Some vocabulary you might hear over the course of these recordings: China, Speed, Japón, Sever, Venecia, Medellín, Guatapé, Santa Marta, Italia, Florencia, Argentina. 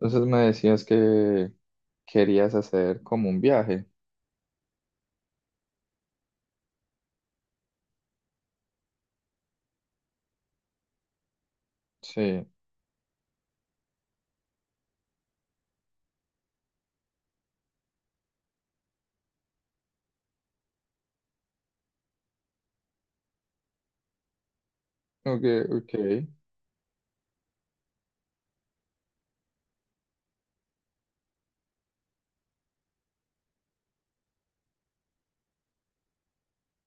Entonces me decías que querías hacer como un viaje. Sí, ok, ok.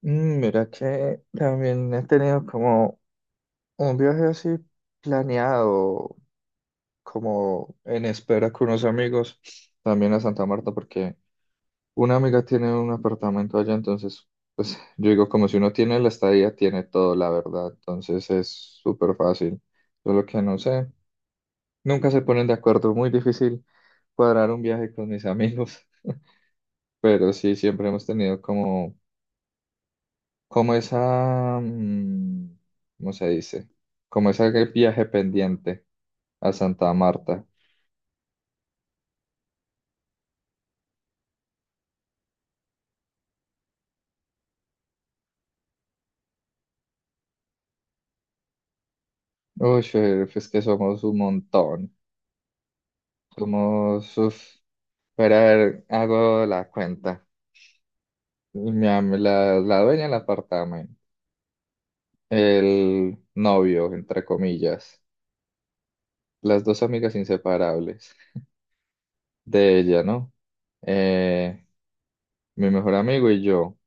Mira que también he tenido como un viaje así planeado, como en espera con unos amigos, también a Santa Marta, porque una amiga tiene un apartamento allá. Entonces, pues yo digo, como si uno tiene la estadía, tiene todo, la verdad. Entonces es súper fácil. Solo que no sé, nunca se ponen de acuerdo, muy difícil cuadrar un viaje con mis amigos. Pero sí, siempre hemos tenido como esa, ¿cómo se dice? Como ese viaje pendiente a Santa Marta. Uy, es que somos un montón. Somos, uf, pero a ver, hago la cuenta. La dueña del apartamento, el novio, entre comillas, las dos amigas inseparables de ella, ¿no? Eh, Mi mejor amigo y yo.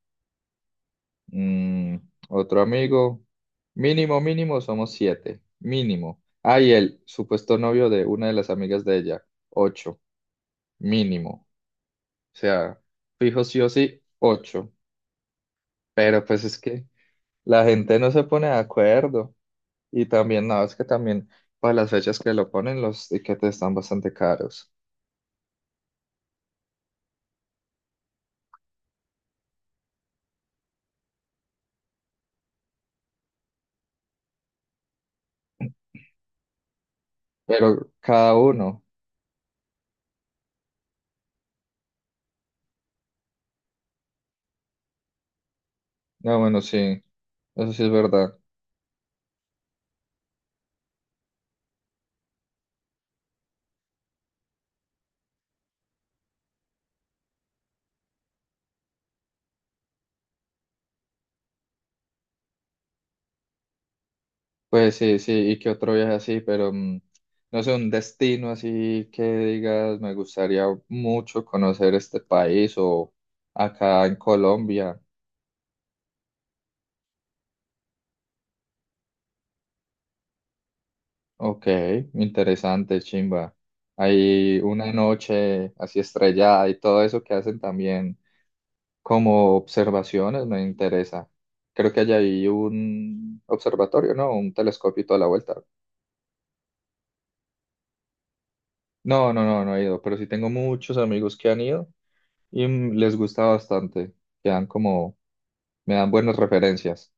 Mm, Otro amigo. Mínimo, mínimo, somos siete. Mínimo. Ah, y el supuesto novio de una de las amigas de ella. Ocho. Mínimo. O sea, fijo sí o sí, ocho. Pero pues es que la gente no se pone de acuerdo. Y también, no, es que también para las fechas que lo ponen, los tiquetes están bastante caros. Pero cada uno. No, bueno, sí. Eso sí es verdad. Pues sí, sí, y que otro viaje así, pero no sé, un destino así que digas, me gustaría mucho conocer este país o acá en Colombia. Ok, interesante, chimba. Hay una noche así estrellada y todo eso que hacen también como observaciones, me interesa. Creo que allá hay un observatorio, ¿no? Un telescopio y toda la vuelta. No, no, no, no he ido, pero sí tengo muchos amigos que han ido y les gusta bastante. Quedan como, me dan buenas referencias.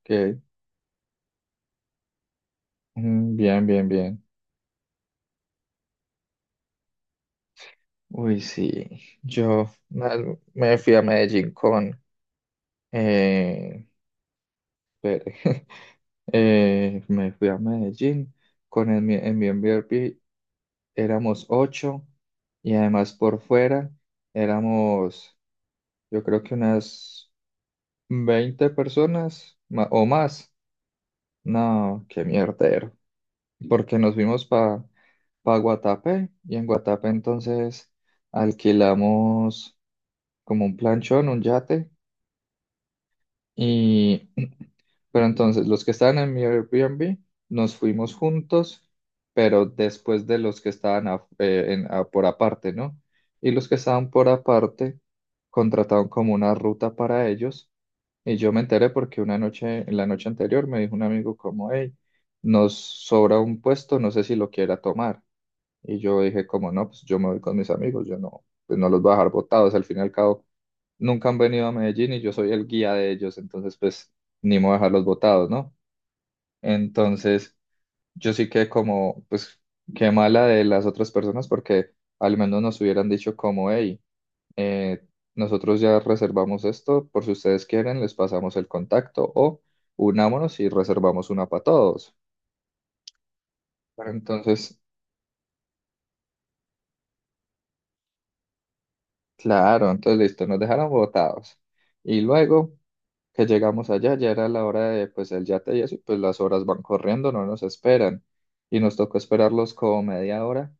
Ok. Bien, bien, bien. Uy, sí. Yo na- me fui a Medellín con... Eh, espere. Me fui a Medellín en mi Airbnb. Éramos ocho y además por fuera éramos, yo creo que unas 20 personas o más. No, qué mierdero. Porque nos fuimos para Guatapé y en Guatapé entonces alquilamos como un planchón, un yate y pero entonces los que estaban en mi Airbnb nos fuimos juntos, pero después de los que estaban por aparte, ¿no? Y los que estaban por aparte contrataron como una ruta para ellos y yo me enteré porque una noche, en la noche anterior me dijo un amigo como, hey, nos sobra un puesto, no sé si lo quiera tomar. Y yo dije, como no, pues yo me voy con mis amigos, yo no, pues no los voy a dejar botados. Al fin y al cabo, nunca han venido a Medellín y yo soy el guía de ellos, entonces pues ni me voy a dejarlos botados, ¿no? Entonces yo sí que como, pues qué mala de las otras personas porque al menos nos hubieran dicho como, hey, eh, nosotros ya reservamos esto, por si ustedes quieren, les pasamos el contacto o unámonos y reservamos una para todos. Entonces, claro, entonces listo, nos dejaron botados. Y luego... que llegamos allá, ya era la hora de pues el yate y eso, y pues las horas van corriendo, no nos esperan. Y nos tocó esperarlos como media hora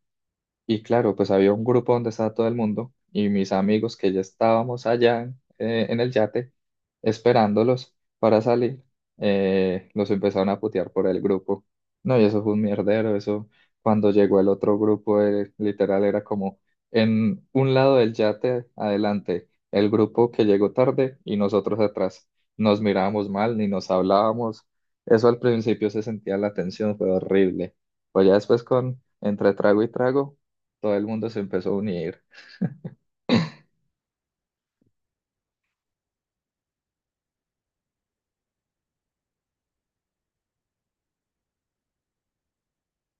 y claro, pues había un grupo donde estaba todo el mundo y mis amigos que ya estábamos allá en el yate esperándolos para salir, los empezaron a putear por el grupo. No, y eso fue un mierdero, eso cuando llegó el otro grupo, literal era como en un lado del yate adelante, el grupo que llegó tarde y nosotros atrás. Nos mirábamos mal, ni nos hablábamos. Eso al principio se sentía la tensión, fue horrible. Pues ya después con entre trago y trago todo el mundo se empezó a unir.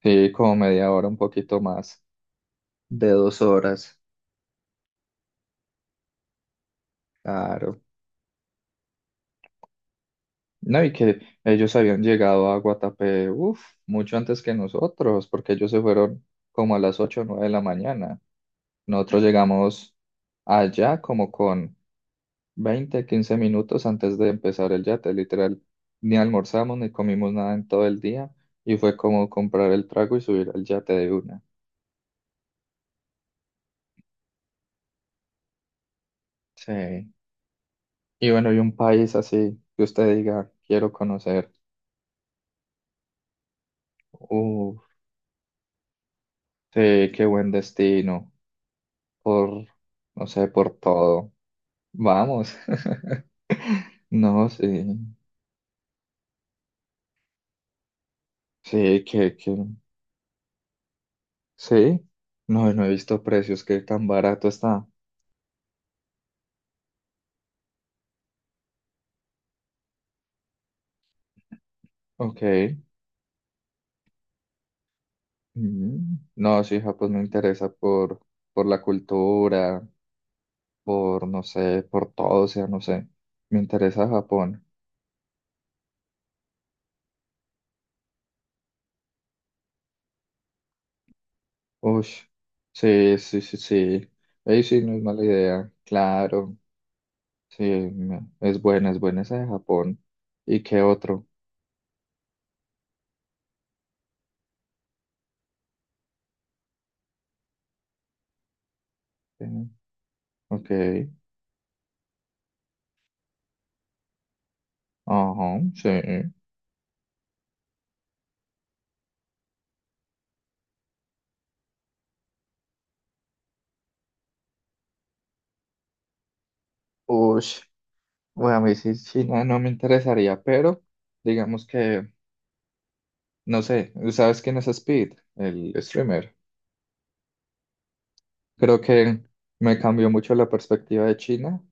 Sí, como media hora, un poquito más de 2 horas, claro. No, y que ellos habían llegado a Guatapé, uff, mucho antes que nosotros, porque ellos se fueron como a las 8 o 9 de la mañana. Nosotros llegamos allá como con 20 15 minutos antes de empezar el yate, literal. Ni almorzamos ni comimos nada en todo el día y fue como comprar el trago y subir al yate de una. Sí. Y bueno, y un país así que usted diga, quiero conocer. Uf, sí, qué buen destino. Por, no sé, por todo. Vamos. No, sí. Sí, que, sí. No, no he visto precios, que tan barato está. Ok. Mm. No, sí, Japón me interesa por, la cultura, por, no sé, por todo, o sea, no sé. Me interesa Japón. Uy, sí, sí, sí, sí. Ahí sí no es mala idea. Claro, sí, es buena esa de Japón. ¿Y qué otro? Eh, Ok, ajá, sí. Uy, bueno, a mí sí, China no no me interesaría, pero digamos que, no sé, ¿sabes quién es Speed? El streamer. Creo que me cambió mucho la perspectiva de China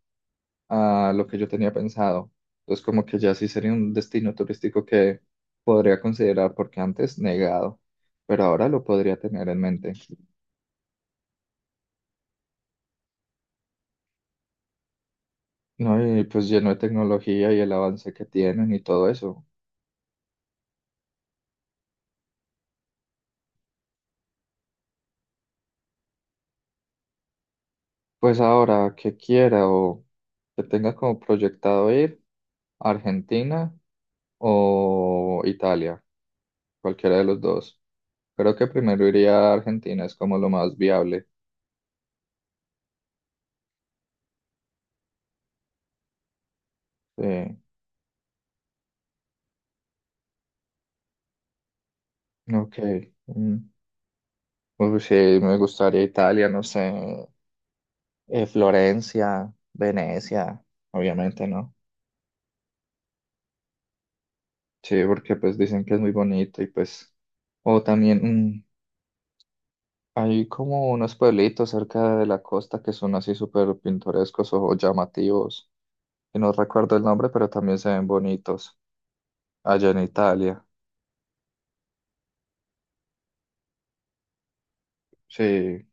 a lo que yo tenía pensado. Entonces, como que ya sí sería un destino turístico que podría considerar, porque antes negado, pero ahora lo podría tener en mente. No, y pues lleno de tecnología y el avance que tienen y todo eso. Pues ahora que quiera o que tenga como proyectado ir a Argentina o Italia, cualquiera de los dos. Creo que primero iría a Argentina, es como lo más viable. Sí, ok. Mm. Uy, pues, sí, me gustaría Italia, no sé, Florencia, Venecia, obviamente, ¿no? Sí, porque pues dicen que es muy bonito y pues, o también hay como unos pueblitos cerca de la costa que son así súper pintorescos o llamativos, y no recuerdo el nombre, pero también se ven bonitos allá en Italia. Sí,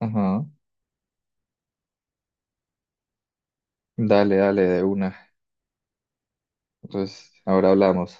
ajá, Dale, dale, de una. Entonces, ahora hablamos.